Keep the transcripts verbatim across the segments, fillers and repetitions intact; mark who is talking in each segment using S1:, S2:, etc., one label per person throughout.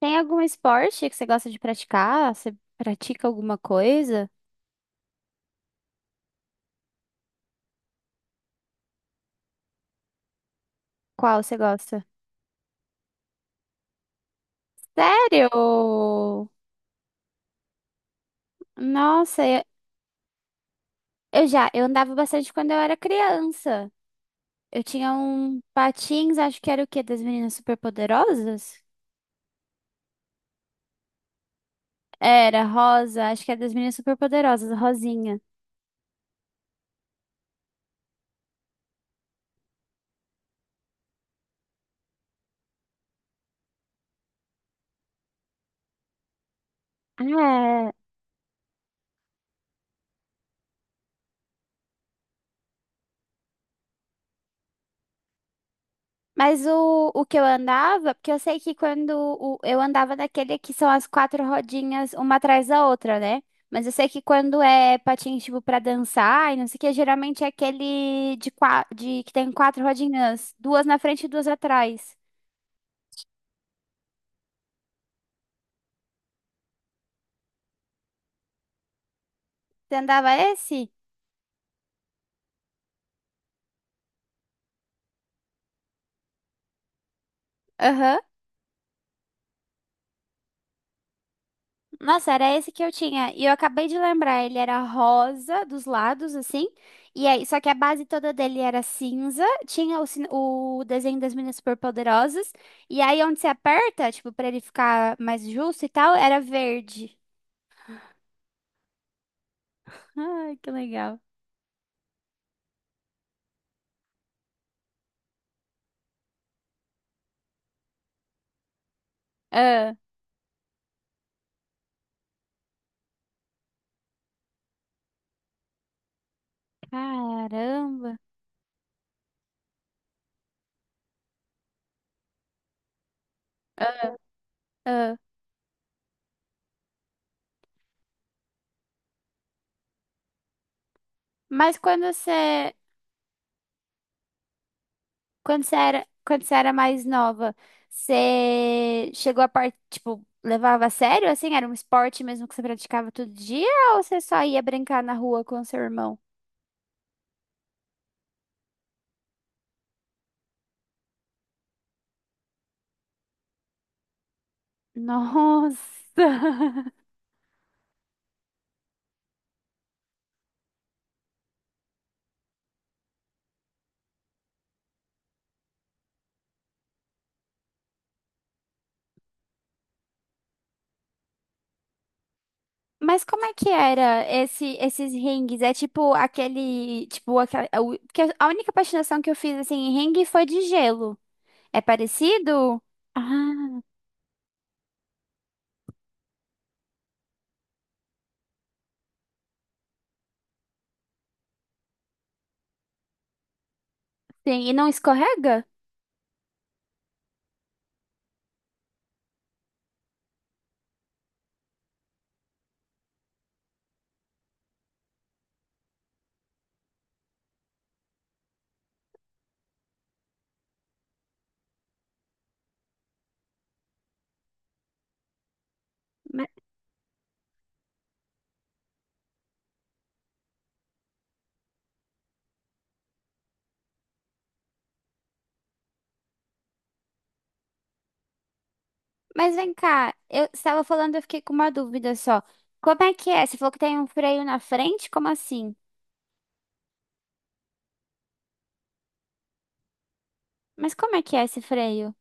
S1: Tem algum esporte que você gosta de praticar? Você pratica alguma coisa? Qual você gosta? Sério? Nossa, eu eu já, eu andava bastante quando eu era criança. Eu tinha um patins, acho que era o quê? Das meninas superpoderosas? Era, rosa, acho que era das meninas superpoderosas, rosinha. É. Mas o, o que eu andava, porque eu sei que quando o- eu andava daquele que são as quatro rodinhas uma atrás da outra, né? Mas eu sei que quando é patins, tipo, pra dançar e não sei o que, geralmente é aquele de, qua- de que tem quatro rodinhas, duas na frente e duas atrás. Você andava esse? Aham. Nossa, era esse que eu tinha. E eu acabei de lembrar, ele era rosa dos lados, assim. E aí, só que a base toda dele era cinza. Tinha o, sin- o desenho das meninas superpoderosas. E aí, onde você aperta, tipo, pra ele ficar mais justo e tal, era verde. Ai, que legal. Ah, caramba. Ah, ah. Mas quando você. Quando você era, quando você era mais nova, você chegou a parte, tipo, levava a sério, assim? Era um esporte mesmo que você praticava todo dia? Ou você só ia brincar na rua com seu irmão? Nossa! Mas como é que era esse, esses ringues? É tipo aquele, tipo, aquela, a u- porque a única patinação que eu fiz, assim, em ringue foi de gelo. É parecido? Ah, sim. E não escorrega? Mas vem cá, eu estava falando, eu fiquei com uma dúvida só. Como é que é? Você falou que tem um freio na frente? Como assim? Mas como é que é esse freio?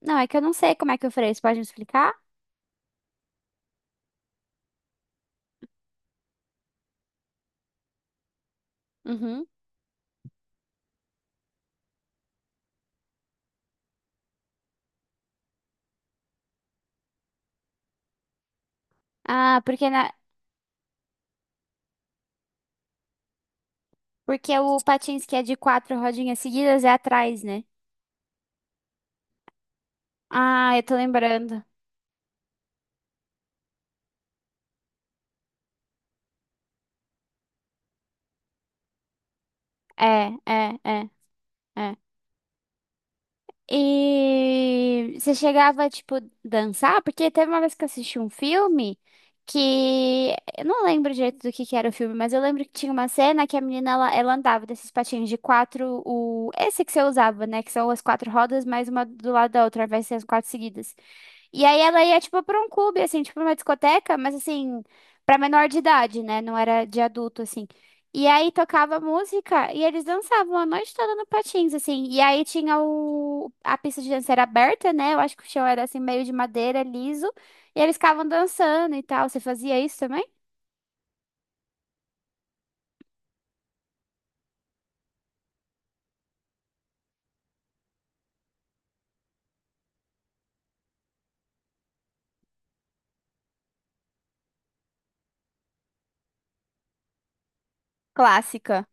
S1: Não, é que eu não sei como é que é o freio. Você pode me explicar? Uhum. Ah, porque na... Porque o patins que é de quatro rodinhas seguidas é atrás, né? Ah, eu tô lembrando. É, é, é, é. E você chegava, tipo, dançar? Porque teve uma vez que eu assisti um filme que... Eu não lembro direito do que que era o filme, mas eu lembro que tinha uma cena que a menina, ela, ela andava desses patinhos de quatro... O... Esse que você usava, né? Que são as quatro rodas, mais uma do lado da outra, vai ser as quatro seguidas. E aí ela ia, tipo, pra um clube, assim, tipo, uma discoteca, mas, assim, pra menor de idade, né? Não era de adulto, assim. E aí tocava música e eles dançavam a noite toda no patins, assim. E aí tinha o... A pista de dança era aberta, né? Eu acho que o chão era, assim, meio de madeira, liso. E eles ficavam dançando e tal. Você fazia isso também? Clássica.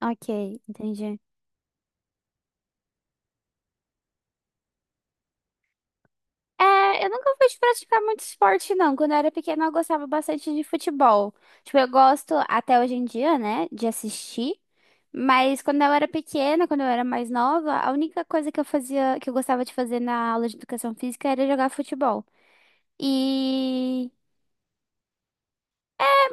S1: Ok, entendi. É, eu nunca fui de praticar muito esporte, não. Quando eu era pequena, eu gostava bastante de futebol. Tipo, eu gosto até hoje em dia, né, de assistir. Mas quando eu era pequena, quando eu era mais nova, a única coisa que eu fazia, que eu gostava de fazer na aula de educação física era jogar futebol. E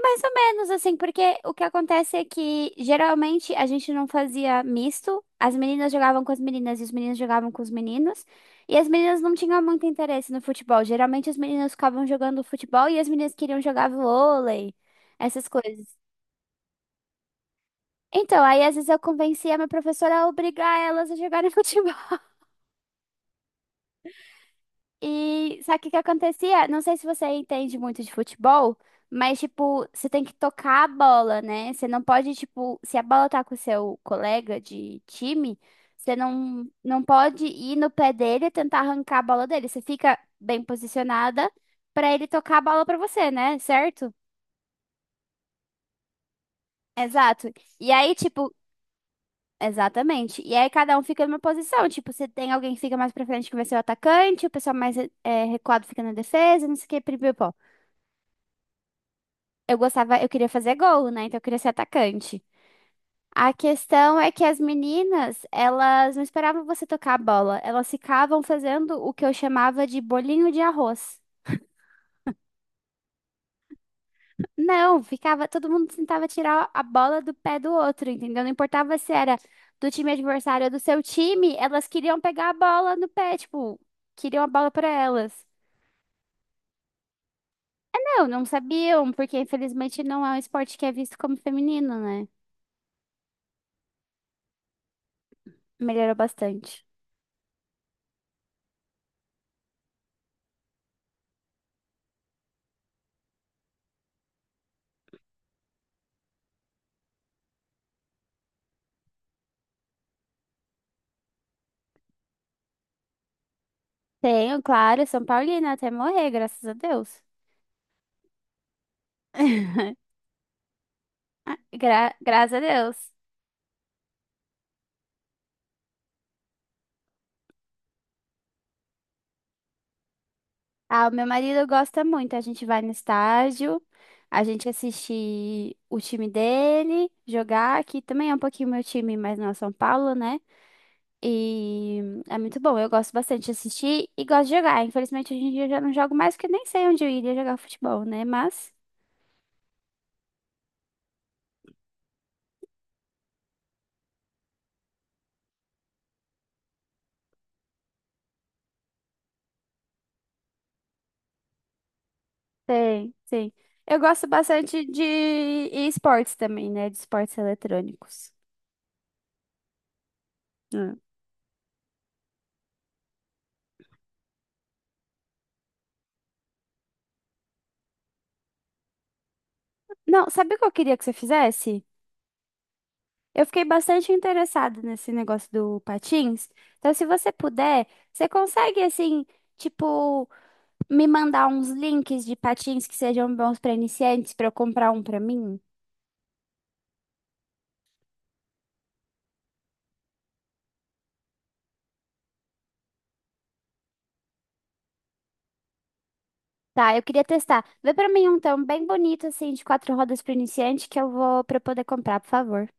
S1: mais ou menos, assim, porque o que acontece é que geralmente a gente não fazia misto, as meninas jogavam com as meninas e os meninos jogavam com os meninos, e as meninas não tinham muito interesse no futebol. Geralmente as meninas ficavam jogando futebol e as meninas queriam jogar vôlei, essas coisas. Então, aí às vezes eu convencia a minha professora a obrigar elas a jogarem futebol. E sabe o que o que acontecia? Não sei se você entende muito de futebol, mas, tipo, você tem que tocar a bola, né? Você não pode, tipo, se a bola tá com o seu colega de time, você não, não pode ir no pé dele e tentar arrancar a bola dele. Você fica bem posicionada pra ele tocar a bola pra você, né? Certo? Exato. E aí, tipo, exatamente. E aí cada um fica numa posição. Tipo, se tem alguém que fica mais pra frente que vai ser o atacante, o pessoal mais eh, recuado fica na defesa, não sei o que, pipipó. Eu gostava, eu queria fazer gol, né? Então eu queria ser atacante. A questão é que as meninas, elas não esperavam você tocar a bola, elas ficavam fazendo o que eu chamava de bolinho de arroz. Não, ficava, todo mundo tentava tirar a bola do pé do outro, entendeu? Não importava se era do time adversário ou do seu time, elas queriam pegar a bola no pé, tipo, queriam a bola para elas. Não, não sabiam, porque infelizmente não é um esporte que é visto como feminino, né? Melhorou bastante. Tenho, claro, São Paulina até morrer, graças a Deus. Gra- graças a Deus. Ah, o meu marido gosta muito. A gente vai no estádio, a gente assiste o time dele jogar, que também é um pouquinho meu time, mas não é São Paulo, né? E é muito bom. Eu gosto bastante de assistir e gosto de jogar. Infelizmente, hoje em dia eu já não jogo mais porque nem sei onde eu iria jogar futebol, né? Mas tem, sim. Eu gosto bastante de e esportes também, né? De esportes eletrônicos. Ah. Não, sabe o que eu queria que você fizesse? Eu fiquei bastante interessada nesse negócio do patins. Então, se você puder, você consegue, assim, tipo, me mandar uns links de patins que sejam bons para iniciantes para eu comprar um para mim? Tá, eu queria testar. Vê para mim um tão bem bonito, assim, de quatro rodas para iniciante que eu vou para poder comprar, por favor.